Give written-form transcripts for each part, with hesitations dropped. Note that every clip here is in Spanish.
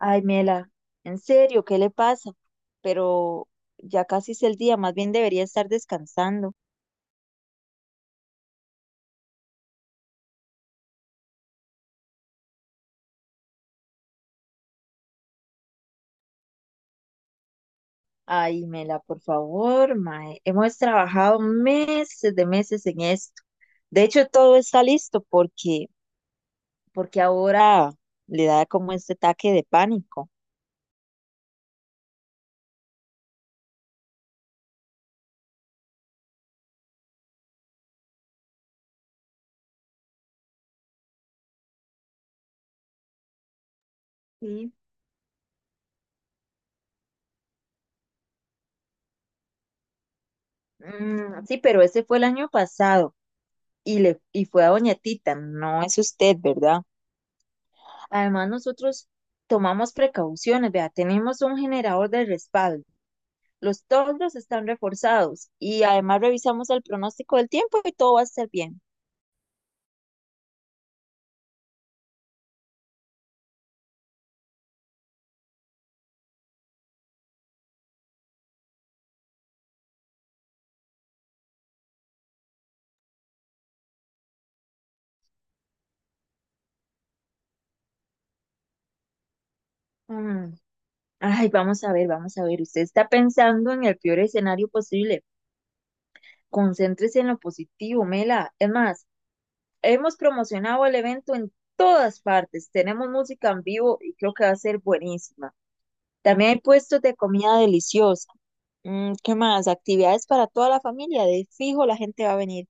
Ay, Mela, en serio, ¿qué le pasa? Pero ya casi es el día, más bien debería estar descansando. Ay, Mela, por favor, mae, hemos trabajado meses de meses en esto. De hecho, todo está listo porque, porque ahora le da como este ataque de pánico. Sí. Sí, pero ese fue el año pasado y fue a Doña Tita, no es usted, ¿verdad? Además, nosotros tomamos precauciones, vea, tenemos un generador de respaldo. Los toldos están reforzados y además revisamos el pronóstico del tiempo y todo va a estar bien. Mm, Ay, vamos a ver, vamos a ver. Usted está pensando en el peor escenario posible. Concéntrese en lo positivo, Mela. Es más, hemos promocionado el evento en todas partes. Tenemos música en vivo y creo que va a ser buenísima. También hay puestos de comida deliciosa. ¿Qué más? Actividades para toda la familia. De fijo, la gente va a venir.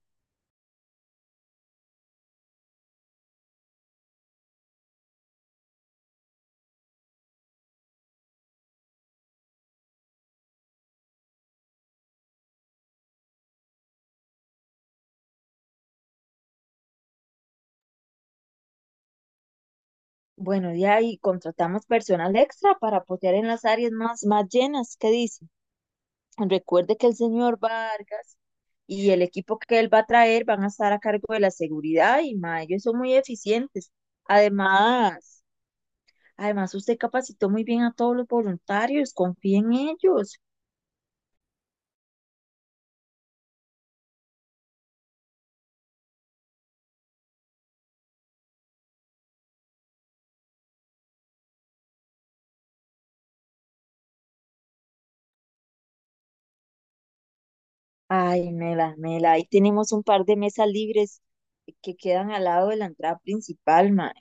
Bueno, ya ahí contratamos personal extra para apoyar en las áreas más llenas. ¿Qué dice? Recuerde que el señor Vargas y el equipo que él va a traer van a estar a cargo de la seguridad y ma, ellos son muy eficientes. Además, además, usted capacitó muy bien a todos los voluntarios, confíe en ellos. Ay, Mela, ahí tenemos un par de mesas libres que quedan al lado de la entrada principal, ma.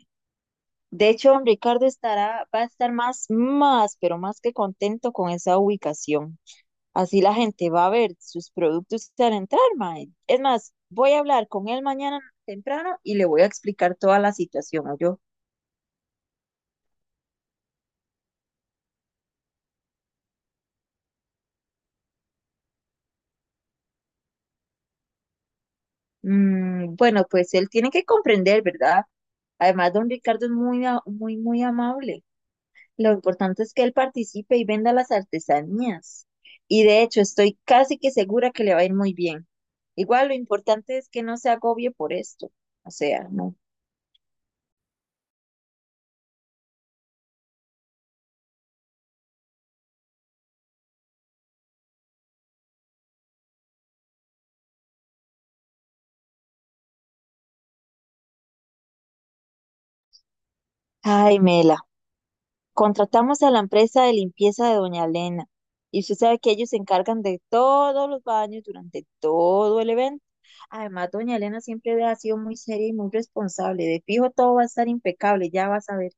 De hecho, va a estar más que contento con esa ubicación. Así la gente va a ver sus productos al entrar, mae. Es más, voy a hablar con él mañana temprano y le voy a explicar toda la situación, yo. Mm, bueno, pues él tiene que comprender, ¿verdad? Además, don Ricardo es muy, muy amable. Lo importante es que él participe y venda las artesanías. Y de hecho, estoy casi que segura que le va a ir muy bien. Igual, lo importante es que no se agobie por esto. O sea, no. Ay, Mela, contratamos a la empresa de limpieza de Doña Elena. Y usted sabe que ellos se encargan de todos los baños durante todo el evento. Además, Doña Elena siempre ha sido muy seria y muy responsable. De fijo, todo va a estar impecable, ya vas a ver.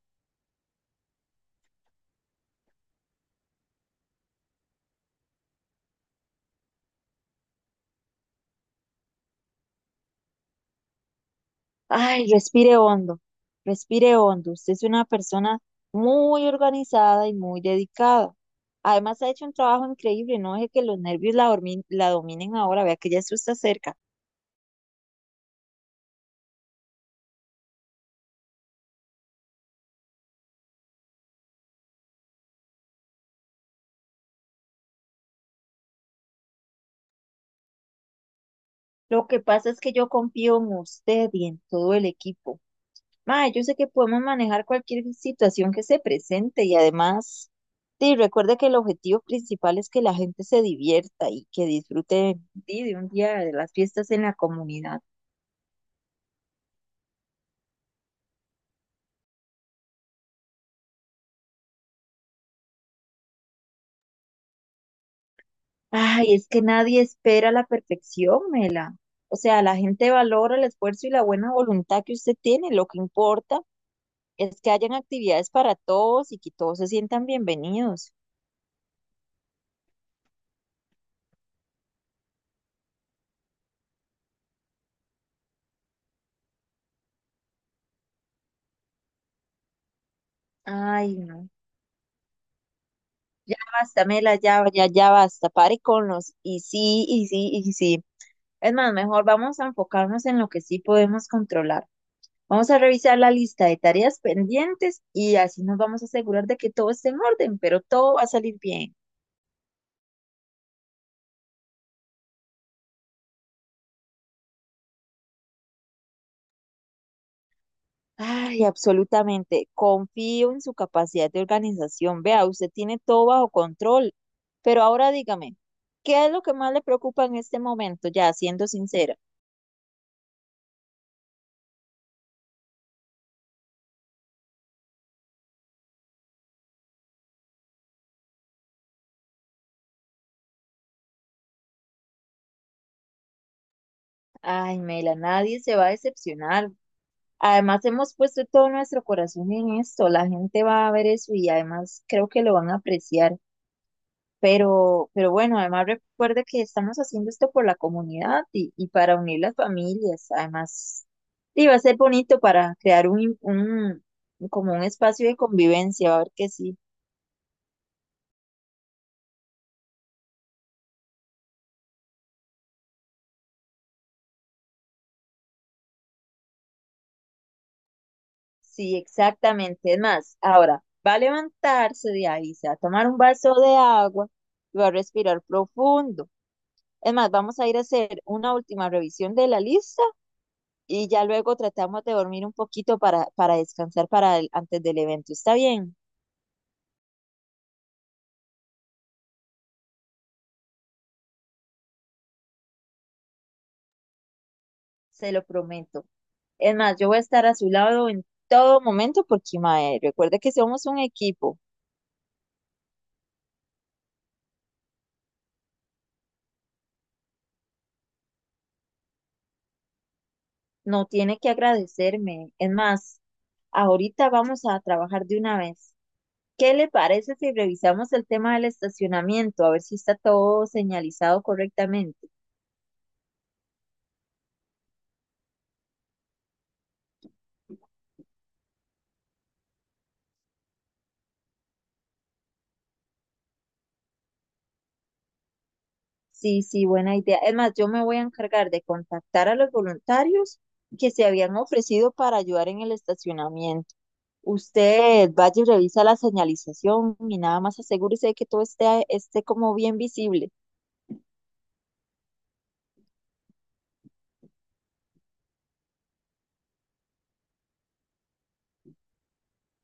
Ay, respire hondo. Usted es una persona muy organizada y muy dedicada. Además, ha hecho un trabajo increíble. No deje que los nervios la dominen ahora. Vea que ya eso está cerca. Lo que pasa es que yo confío en usted y en todo el equipo. Ma, yo sé que podemos manejar cualquier situación que se presente y además, sí, recuerde que el objetivo principal es que la gente se divierta y que disfrute, sí, de un día de las fiestas en la comunidad. Ay, es que nadie espera la perfección, Mela. O sea, la gente valora el esfuerzo y la buena voluntad que usted tiene. Lo que importa es que hayan actividades para todos y que todos se sientan bienvenidos. Ay, no. Ya basta, Mela, ya basta. Pare con los y sí, y sí, y sí. Es más, mejor vamos a enfocarnos en lo que sí podemos controlar. Vamos a revisar la lista de tareas pendientes y así nos vamos a asegurar de que todo esté en orden, pero todo va a salir bien. Ay, absolutamente. Confío en su capacidad de organización. Vea, usted tiene todo bajo control. Pero ahora dígame, ¿qué es lo que más le preocupa en este momento? Ya, siendo sincera. Ay, Mela, nadie se va a decepcionar. Además, hemos puesto todo nuestro corazón en esto. La gente va a ver eso y además creo que lo van a apreciar. Pero bueno, además recuerde que estamos haciendo esto por la comunidad y para unir las familias. Además, y va a ser bonito para crear un como un espacio de convivencia. Va a ver que sí, sí, exactamente. Es más, ahora va a levantarse de ahí, se va a tomar un vaso de agua y va a respirar profundo. Es más, vamos a ir a hacer una última revisión de la lista y ya luego tratamos de dormir un poquito para descansar antes del evento. ¿Está bien? Se lo prometo. Es más, yo voy a estar a su lado en todo momento porque, mae, recuerde que somos un equipo. No tiene que agradecerme. Es más, ahorita vamos a trabajar de una vez. ¿Qué le parece si revisamos el tema del estacionamiento? A ver si está todo señalizado correctamente. Sí, sí, buena idea. Es más, yo me voy a encargar de contactar a los voluntarios que se habían ofrecido para ayudar en el estacionamiento. Usted vaya y revisa la señalización y nada más asegúrese de que todo esté como bien visible.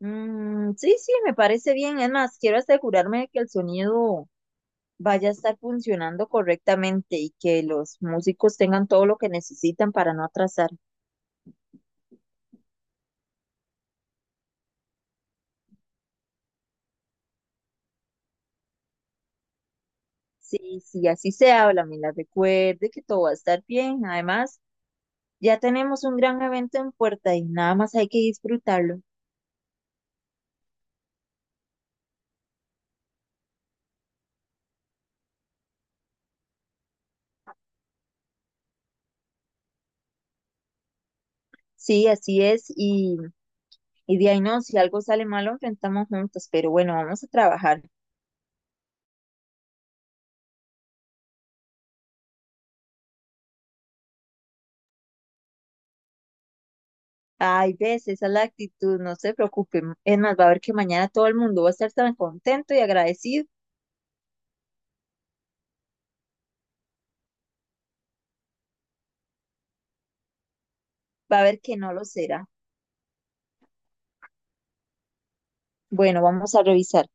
Mm, sí, sí, me parece bien. Es más, quiero asegurarme de que el sonido vaya a estar funcionando correctamente y que los músicos tengan todo lo que necesitan para no atrasar. Sí, sí, así se habla, me la recuerde que todo va a estar bien. Además, ya tenemos un gran evento en puerta y nada más hay que disfrutarlo. Sí, así es. Y de ahí no, si algo sale mal, lo enfrentamos juntos. Pero bueno, vamos a trabajar. Ay, ves, esa es la actitud, no se preocupen. Es más, va a ver que mañana todo el mundo va a estar tan contento y agradecido. Va a ver que no lo será. Bueno, vamos a revisar.